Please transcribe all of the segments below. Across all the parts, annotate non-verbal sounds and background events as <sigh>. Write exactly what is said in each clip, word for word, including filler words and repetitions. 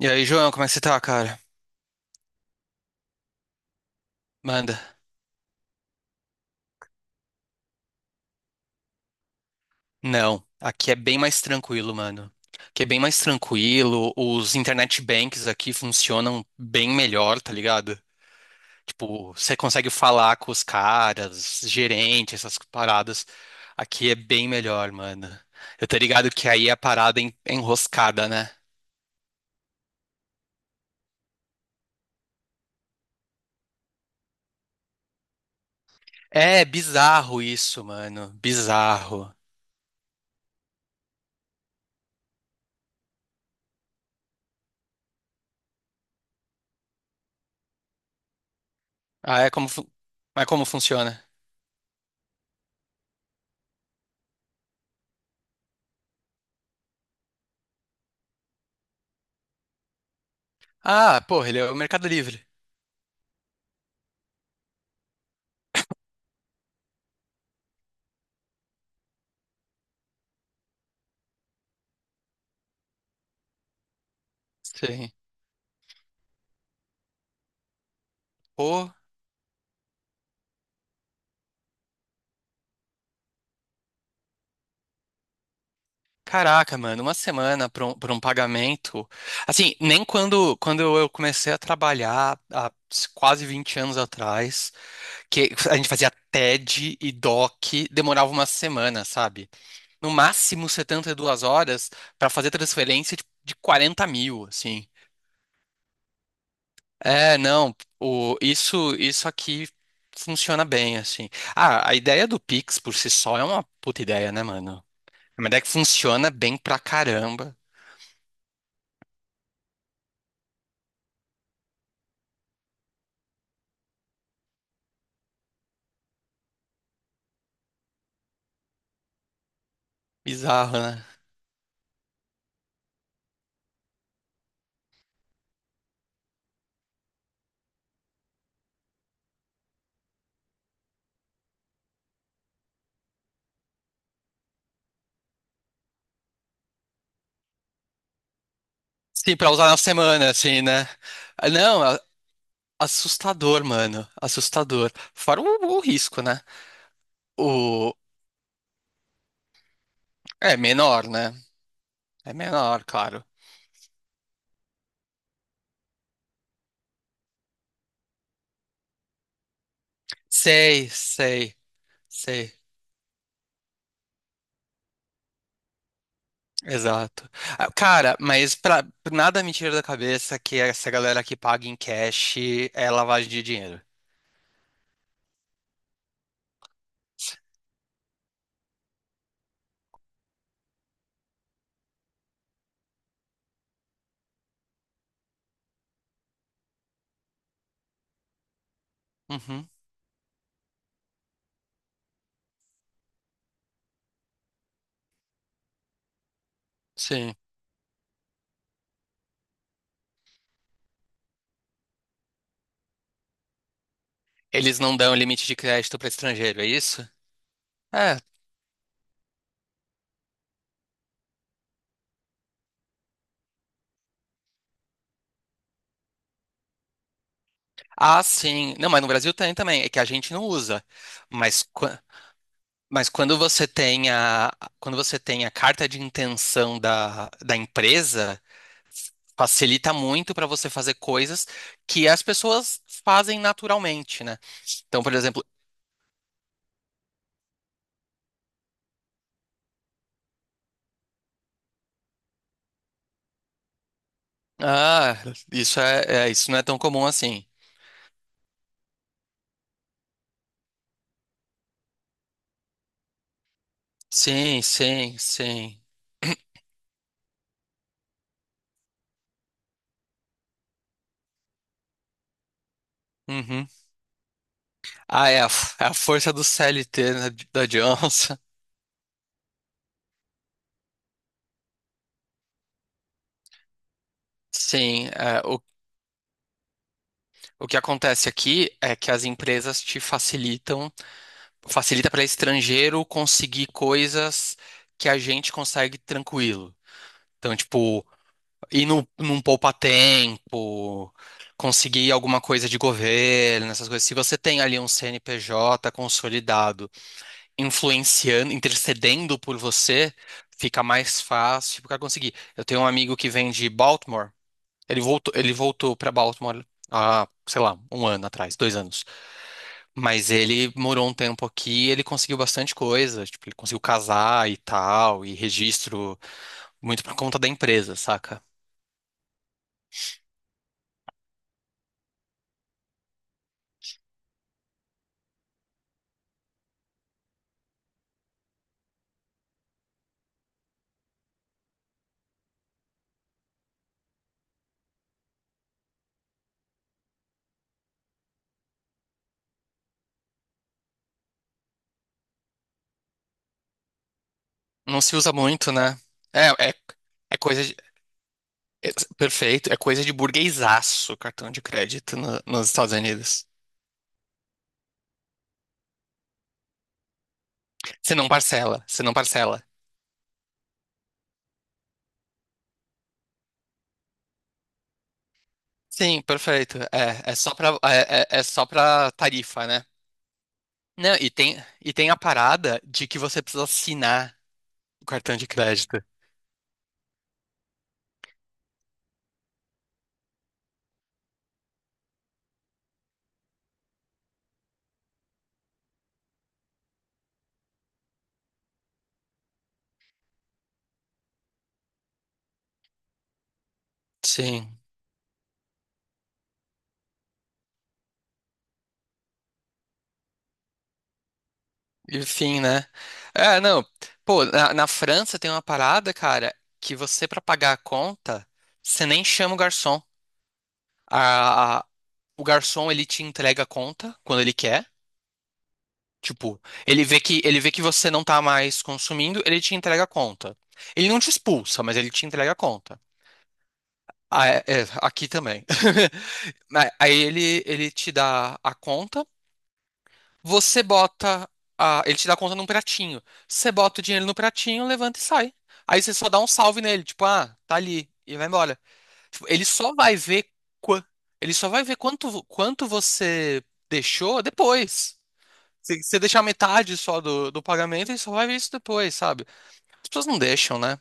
E aí, João, como é que você tá, cara? Manda. Não, aqui é bem mais tranquilo, mano. Aqui é bem mais tranquilo, os internet banks aqui funcionam bem melhor, tá ligado? Tipo, você consegue falar com os caras, gerente, essas paradas. Aqui é bem melhor, mano. Eu tô ligado que aí a parada é en- é enroscada, né? É bizarro isso, mano. Bizarro. Ah, é como, fu- mas como funciona? Ah, porra, ele é o Mercado Livre. Sim. Caraca, mano, uma semana para um, pra um pagamento. Assim, nem quando, quando eu comecei a trabalhar há quase vinte anos atrás, que a gente fazia T E D e doque, demorava uma semana, sabe? No máximo setenta e duas horas para fazer transferência de, de 40 mil, assim. É, não, o, isso, isso aqui funciona bem, assim. Ah, a ideia do Pix por si só é uma puta ideia, né, mano? É uma ideia que funciona bem pra caramba. Bizarro, né? Sim, pra usar na semana, assim, né? Ah, não, a- assustador, mano. Assustador. Fora o, o risco, né? O. É menor, né? É menor, claro. Sei, sei, sei. Exato. Ah, cara, mas pra... nada me tira da cabeça que essa galera que paga em cash é lavagem de dinheiro. Uhum, sim. Eles não dão limite de crédito para estrangeiro, é isso? É. Ah, sim. Não, mas no Brasil tem também. É que a gente não usa. Mas. qu- Mas quando você tem a, quando você tem a carta de intenção da, da empresa, facilita muito para você fazer coisas que as pessoas fazem naturalmente, né? Então, por exemplo, ah, isso é, é- isso não é tão comum assim. Sim, sim, sim. Uhum. Ah, é a, <laughs> f- é a força do C L T, né, da Johnson. Sim, é, o, o que acontece aqui é que as empresas te facilitam facilita para estrangeiro conseguir coisas que a gente consegue tranquilo. Então, tipo, ir no, num poupa-tempo, conseguir alguma coisa de governo, essas coisas. Se você tem ali um C N P J consolidado, influenciando, intercedendo por você, fica mais fácil para conseguir. Eu tenho um amigo que vem de Baltimore, ele voltou, ele voltou para Baltimore há, sei lá, um ano atrás, dois anos. Mas ele morou um tempo aqui, ele conseguiu bastante coisa, tipo, ele conseguiu casar e tal, e registro muito por conta da empresa, saca? Não se usa muito, né? É, é, é coisa de, é- perfeito, é coisa de burguesaço, cartão de crédito no- nos Estados Unidos. Você não parcela, você não parcela. Sim, perfeito. É, é só pra, é, é é só pra tarifa, né? Não, e tem, e tem a parada de que você precisa assinar o cartão de crédito. Sim. Enfim, né? É, não. Pô, na, na França tem uma parada, cara, que você, pra pagar a conta, você nem chama o garçom. A, a- o garçom, ele te entrega a conta quando ele quer. Tipo, ele vê que, ele vê que você não tá mais consumindo, ele te entrega a conta. Ele não te expulsa, mas ele te entrega a conta. Ah, é, é, aqui também. <laughs> Mas aí ele, ele te dá a conta. Você bota a- ele te dá conta num pratinho. Você bota o dinheiro no pratinho, levanta e sai. Aí você só dá um salve nele, tipo, ah, tá ali e vai embora. Tipo, ele só vai ver qua- ele só vai ver quanto vo- quanto você deixou depois. Se você deixar metade só do, do pagamento, ele só vai ver isso depois, sabe? As pessoas não deixam, né?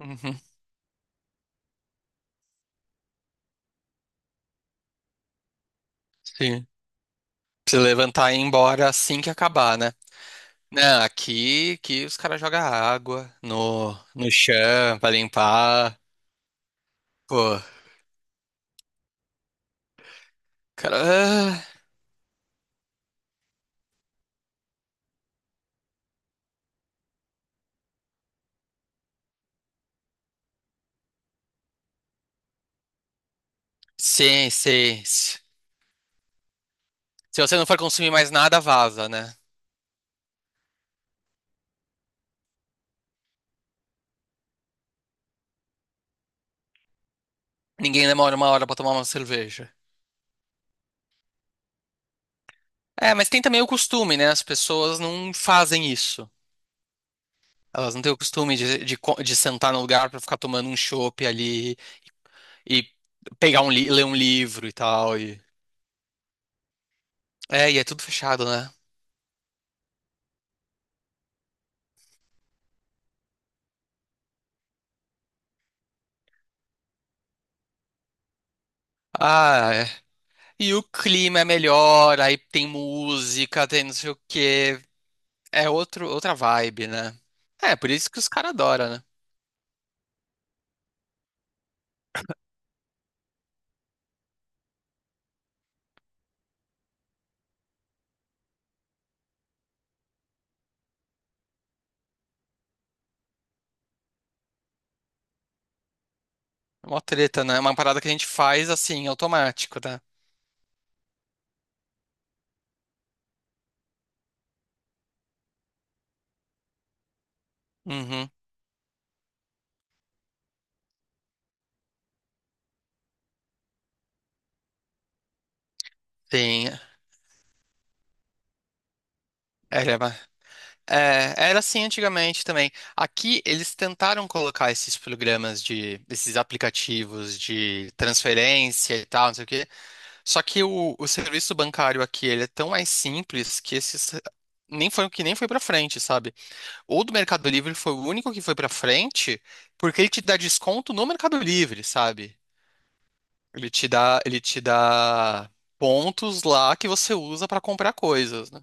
Uhum, sim. Se levantar e ir embora assim que acabar, né? Não, aqui, aqui os caras jogam água no, no chão pra limpar. Pô. Cara, ah, sim, sim. Se se você não for consumir mais nada, vaza, né? Ninguém demora uma hora pra tomar uma cerveja. É, mas tem também o costume, né? As pessoas não fazem isso. Elas não têm o costume de, de, co- de sentar no lugar pra ficar tomando um chopp ali e pegar um, li- ler um livro e tal. E. É, e é tudo fechado, né? Ah, é. E o clima é melhor, aí tem música, tem não sei o quê. É outro, outra vibe, né? É, por isso que os caras adoram, né? É uma treta, né? É uma parada que a gente faz assim, automático, né? Uhum. Sim. Era, ba- é, Era assim antigamente também. Aqui eles tentaram colocar esses programas de, esses aplicativos de transferência e tal, não sei o quê. Só que o, o serviço bancário aqui, ele é tão mais simples que esses nem foi o que nem foi pra frente, sabe? O do Mercado Livre foi o único que foi pra frente, porque ele te dá desconto no Mercado Livre, sabe? Ele te dá, ele te dá pontos lá que você usa pra comprar coisas, né?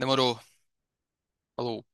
Demorou. Falou.